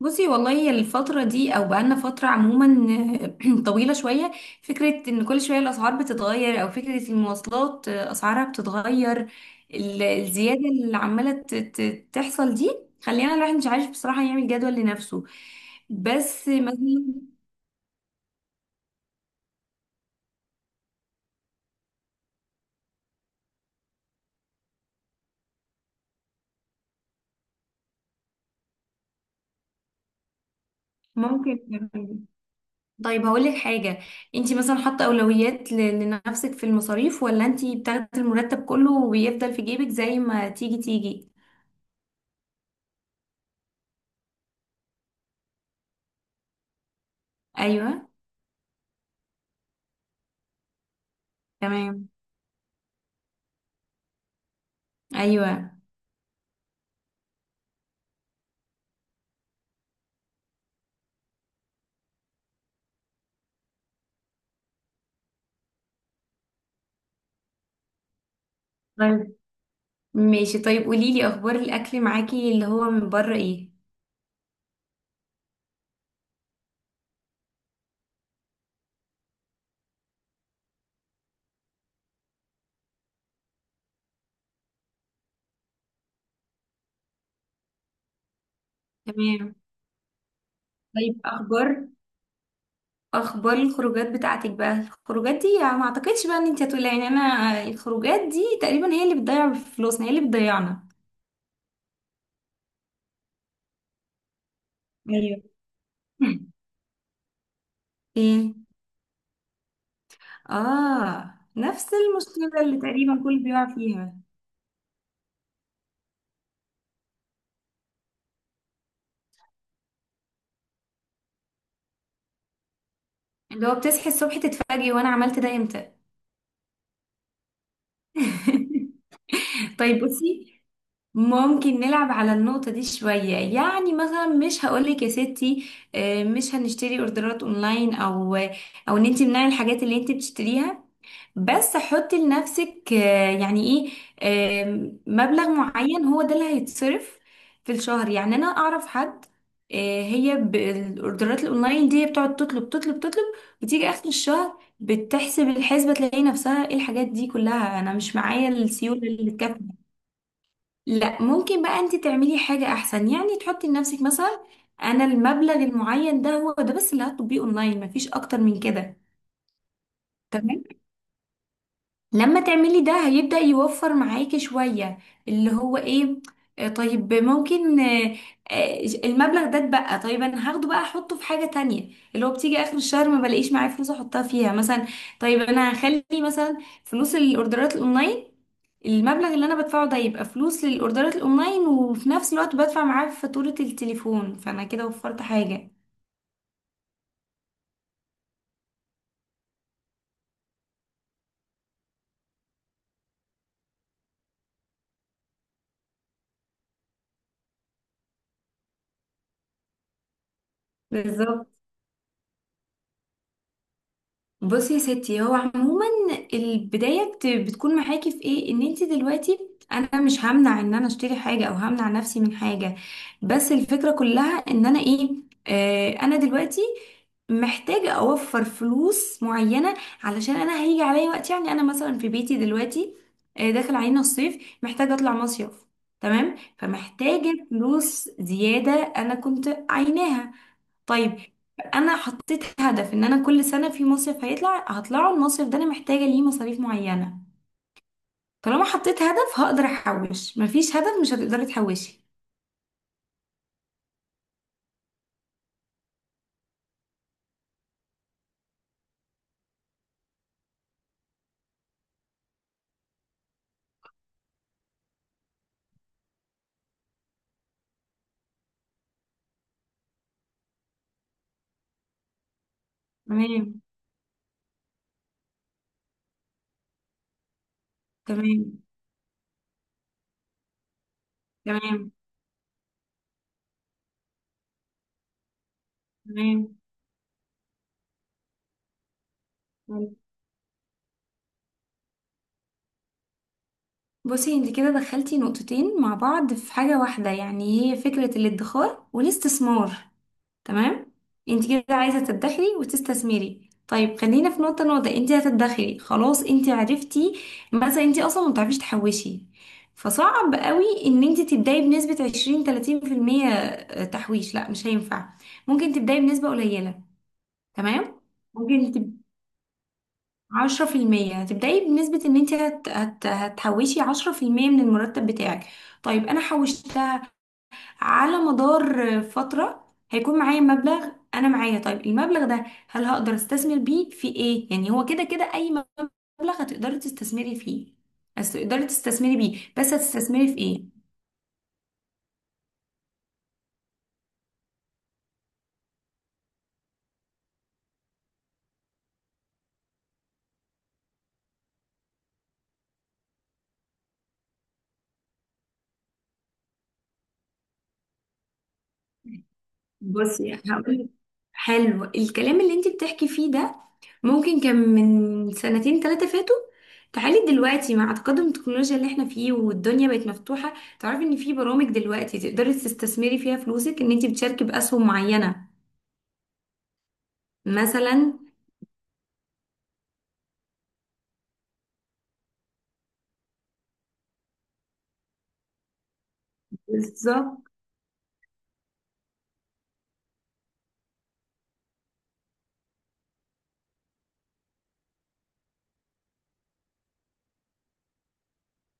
بصي، والله الفترة دي أو بقالنا فترة عموما طويلة شوية. فكرة إن كل شوية الأسعار بتتغير، أو فكرة المواصلات أسعارها بتتغير، الزيادة اللي عمالة تحصل دي، خلينا الواحد مش عارف بصراحة يعمل جدول لنفسه. بس مثلا ممكن طيب هقول لك حاجة. انتي مثلا حاطة أولويات لنفسك في المصاريف، ولا انتي بتاخدي المرتب كله وبيفضل في جيبك زي ما تيجي تيجي؟ أيوه. تمام. أيوه. طيب ماشي، طيب قولي لي اخبار الاكل معاكي اللي هو من بره ايه؟ تمام. طيب اخبار الخروجات بتاعتك بقى، الخروجات دي يعني ما اعتقدش بقى ان انت هتقولي يعني، انا الخروجات دي تقريبا هي اللي بتضيع فلوسنا، هي اللي بتضيعنا. ايوه. ايه؟ اه، نفس المشكلة اللي تقريبا كل بيقع فيها، اللي هو بتصحي الصبح تتفاجئي وانا عملت ده امتى. طيب بصي، ممكن نلعب على النقطة دي شوية. يعني مثلا مش هقولك يا ستي مش هنشتري اوردرات اونلاين، او او ان انت منعي الحاجات اللي انت بتشتريها، بس حطي لنفسك يعني ايه، مبلغ معين هو ده اللي هيتصرف في الشهر. يعني انا اعرف حد هي بالاوردرات الاونلاين دي هي بتقعد تطلب تطلب تطلب، بتيجي اخر الشهر بتحسب الحسبة تلاقي نفسها ايه الحاجات دي كلها، انا مش معايا السيولة اللي تكفي. لا ممكن بقى انت تعملي حاجة احسن، يعني تحطي لنفسك مثلا، انا المبلغ المعين ده هو ده بس اللي هتطبقيه اونلاين، مفيش اكتر من كده. تمام. لما تعملي ده هيبدأ يوفر معاكي شوية. اللي هو ايه، طيب ممكن، المبلغ ده اتبقى، طيب انا هاخده بقى احطه في حاجة تانية اللي هو بتيجي اخر الشهر ما بلاقيش معايا فلوس احطها فيها مثلا. طيب انا هخلي مثلا فلوس الاوردرات الاونلاين، المبلغ اللي انا بدفعه ده يبقى فلوس للاوردرات الاونلاين، وفي نفس الوقت بدفع معاه فاتورة التليفون، فانا كده وفرت حاجة. بالظبط. بصي يا ستي، هو عموما البداية بتكون معاكي في ايه، ان انت دلوقتي انا مش همنع ان انا اشتري حاجة او همنع نفسي من حاجة، بس الفكرة كلها ان انا ايه، انا دلوقتي محتاجة اوفر فلوس معينة. علشان انا هيجي عليا وقت، يعني انا مثلا في بيتي دلوقتي داخل علينا الصيف، محتاجة اطلع مصيف. تمام، فمحتاجة فلوس زيادة انا كنت عايناها. طيب انا حطيت هدف ان انا كل سنه في مصيف هيطلع هطلعه، المصيف ده انا محتاجه ليه مصاريف معينه. طالما حطيت هدف هقدر احوش، مفيش هدف مش هتقدري تحوشي. تمام، تمام، تمام، تمام. حلو. بصي انت كده دخلتي نقطتين مع بعض في حاجه واحده، يعني هي فكره الادخار والاستثمار. تمام. انت كده عايزه تدخري وتستثمري، طيب خلينا في نقطه نقطه. انت هتدخري، خلاص، انت عرفتي مثلا انت اصلا ما بتعرفيش تحوشي، فصعب قوي ان انت تبداي بنسبه 20 30% تحويش، لا مش هينفع، ممكن تبداي بنسبه قليله. تمام. ممكن تب... 10% هتبداي بنسبه ان انت هتحوشي 10% من المرتب بتاعك. طيب انا حوشت على مدار فترة هيكون معايا مبلغ، انا معايا، طيب المبلغ ده هل هقدر استثمر بيه في ايه؟ يعني هو كده كده اي مبلغ هتقدري تستثمري فيه، بس تقدري تستثمري بيه، بس هتستثمري في ايه؟ بصي هقول، حلو الكلام اللي انت بتحكي فيه ده ممكن كان من سنتين ثلاثة فاتوا، تعالي دلوقتي مع تقدم التكنولوجيا اللي احنا فيه والدنيا بقت مفتوحة، تعرفي ان في برامج دلوقتي تقدري تستثمري فيها فلوسك، ان انت بتشاركي بأسهم معينة مثلا. بالظبط.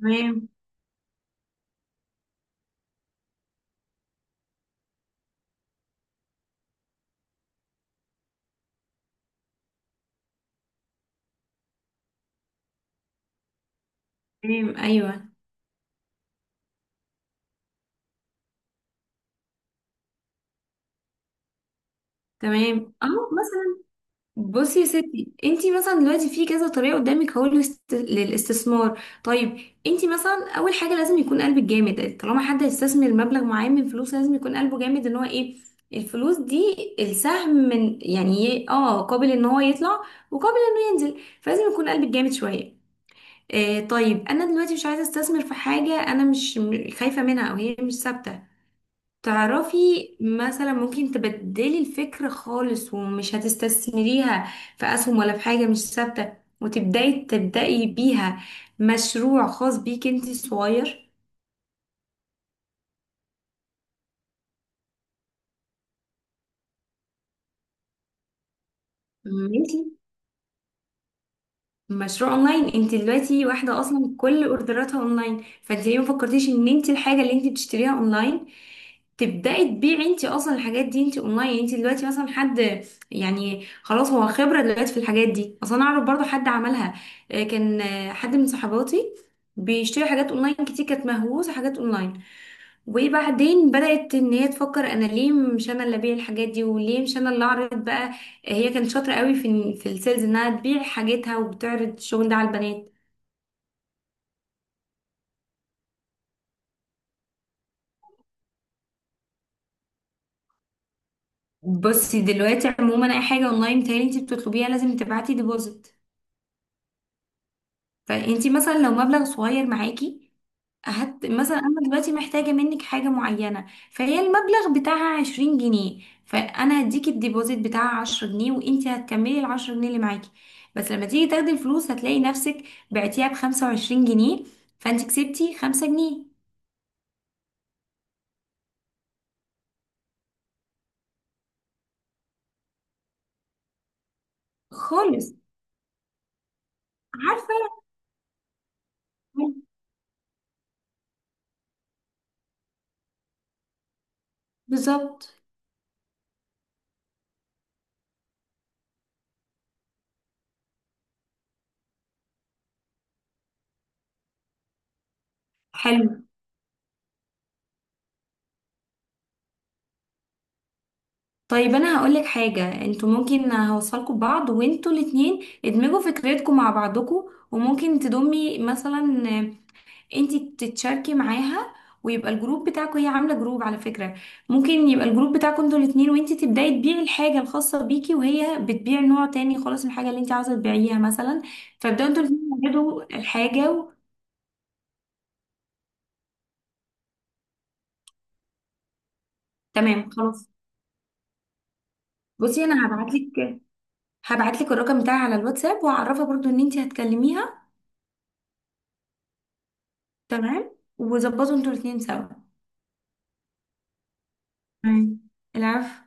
تمام. تمام. ايوه. تمام، اه مثلا. بصي يا ستي، انتي مثلا دلوقتي في كذا طريقه قدامك اهو للاستثمار. طيب، انتي مثلا اول حاجه لازم يكون قلبك جامد، طالما حد هيستثمر مبلغ معين من فلوس لازم يكون قلبه جامد ان هو ايه، الفلوس دي السهم من يعني قابل ان هو يطلع وقابل انه ينزل، فلازم يكون قلبك جامد شويه. طيب انا دلوقتي مش عايزه استثمر في حاجه انا مش خايفه منها، او هي مش ثابته، تعرفي. مثلا ممكن تبدلي الفكر خالص، ومش هتستثمريها في اسهم ولا في حاجة مش ثابتة، وتبدأي تبدأي بيها مشروع خاص بيك انت صغير. ماشي، مشروع اونلاين، انت دلوقتي واحده اصلا كل اوردراتها اونلاين، فانت ليه ما فكرتيش ان انت الحاجه اللي انت بتشتريها اونلاين تبداي تبيعي انت اصلا الحاجات دي، انت اونلاين، انت دلوقتي مثلا حد، يعني خلاص هو خبره دلوقتي في الحاجات دي اصلا. انا اعرف برضو حد عملها، كان حد من صحباتي بيشتري حاجات اونلاين كتير، كانت مهووسه حاجات اونلاين، وبعدين بدأت ان هي تفكر انا ليه مش انا اللي ابيع الحاجات دي، وليه مش انا اللي اعرض بقى. هي كانت شاطرة قوي في السيلز، انها تبيع حاجتها وبتعرض الشغل ده على البنات. بصي دلوقتي عموما اي حاجة اونلاين تاني انت بتطلبيها لازم تبعتي ديبوزيت، فانت مثلا لو مبلغ صغير معاكي، مثلا انا دلوقتي محتاجه منك حاجه معينه فهي المبلغ بتاعها 20 جنيه، فانا هديكي الديبوزيت بتاعها 10 جنيه وانتي هتكملي ال 10 جنيه اللي معاكي، بس لما تيجي تاخدي الفلوس هتلاقي نفسك بعتيها ب 25 جنيه، فانت كسبتي 5 جنيه. خالص. عارفه. بالظبط. حلو، طيب انا هقول لك حاجه، انتوا ممكن هوصلكوا ببعض وانتوا الاتنين ادمجوا فكرتكم مع بعضكم، وممكن تضمي مثلا انتي تتشاركي معاها، ويبقى الجروب بتاعكوا، هي عامله جروب على فكره، ممكن يبقى الجروب بتاعكوا انتوا الاتنين، وانتي تبداي تبيعي الحاجه الخاصه بيكي وهي بتبيع نوع تاني خالص من الحاجه اللي انتي عايزه تبيعيها مثلا، فابداوا انتوا الاتنين تجدوا الحاجه و... تمام خلاص. بصي انا هبعتلك الرقم بتاعي على الواتساب، وهعرفها برضو ان انتي هتكلميها. تمام. وظبطوا انتوا الاتنين سوا. تمام. العفو.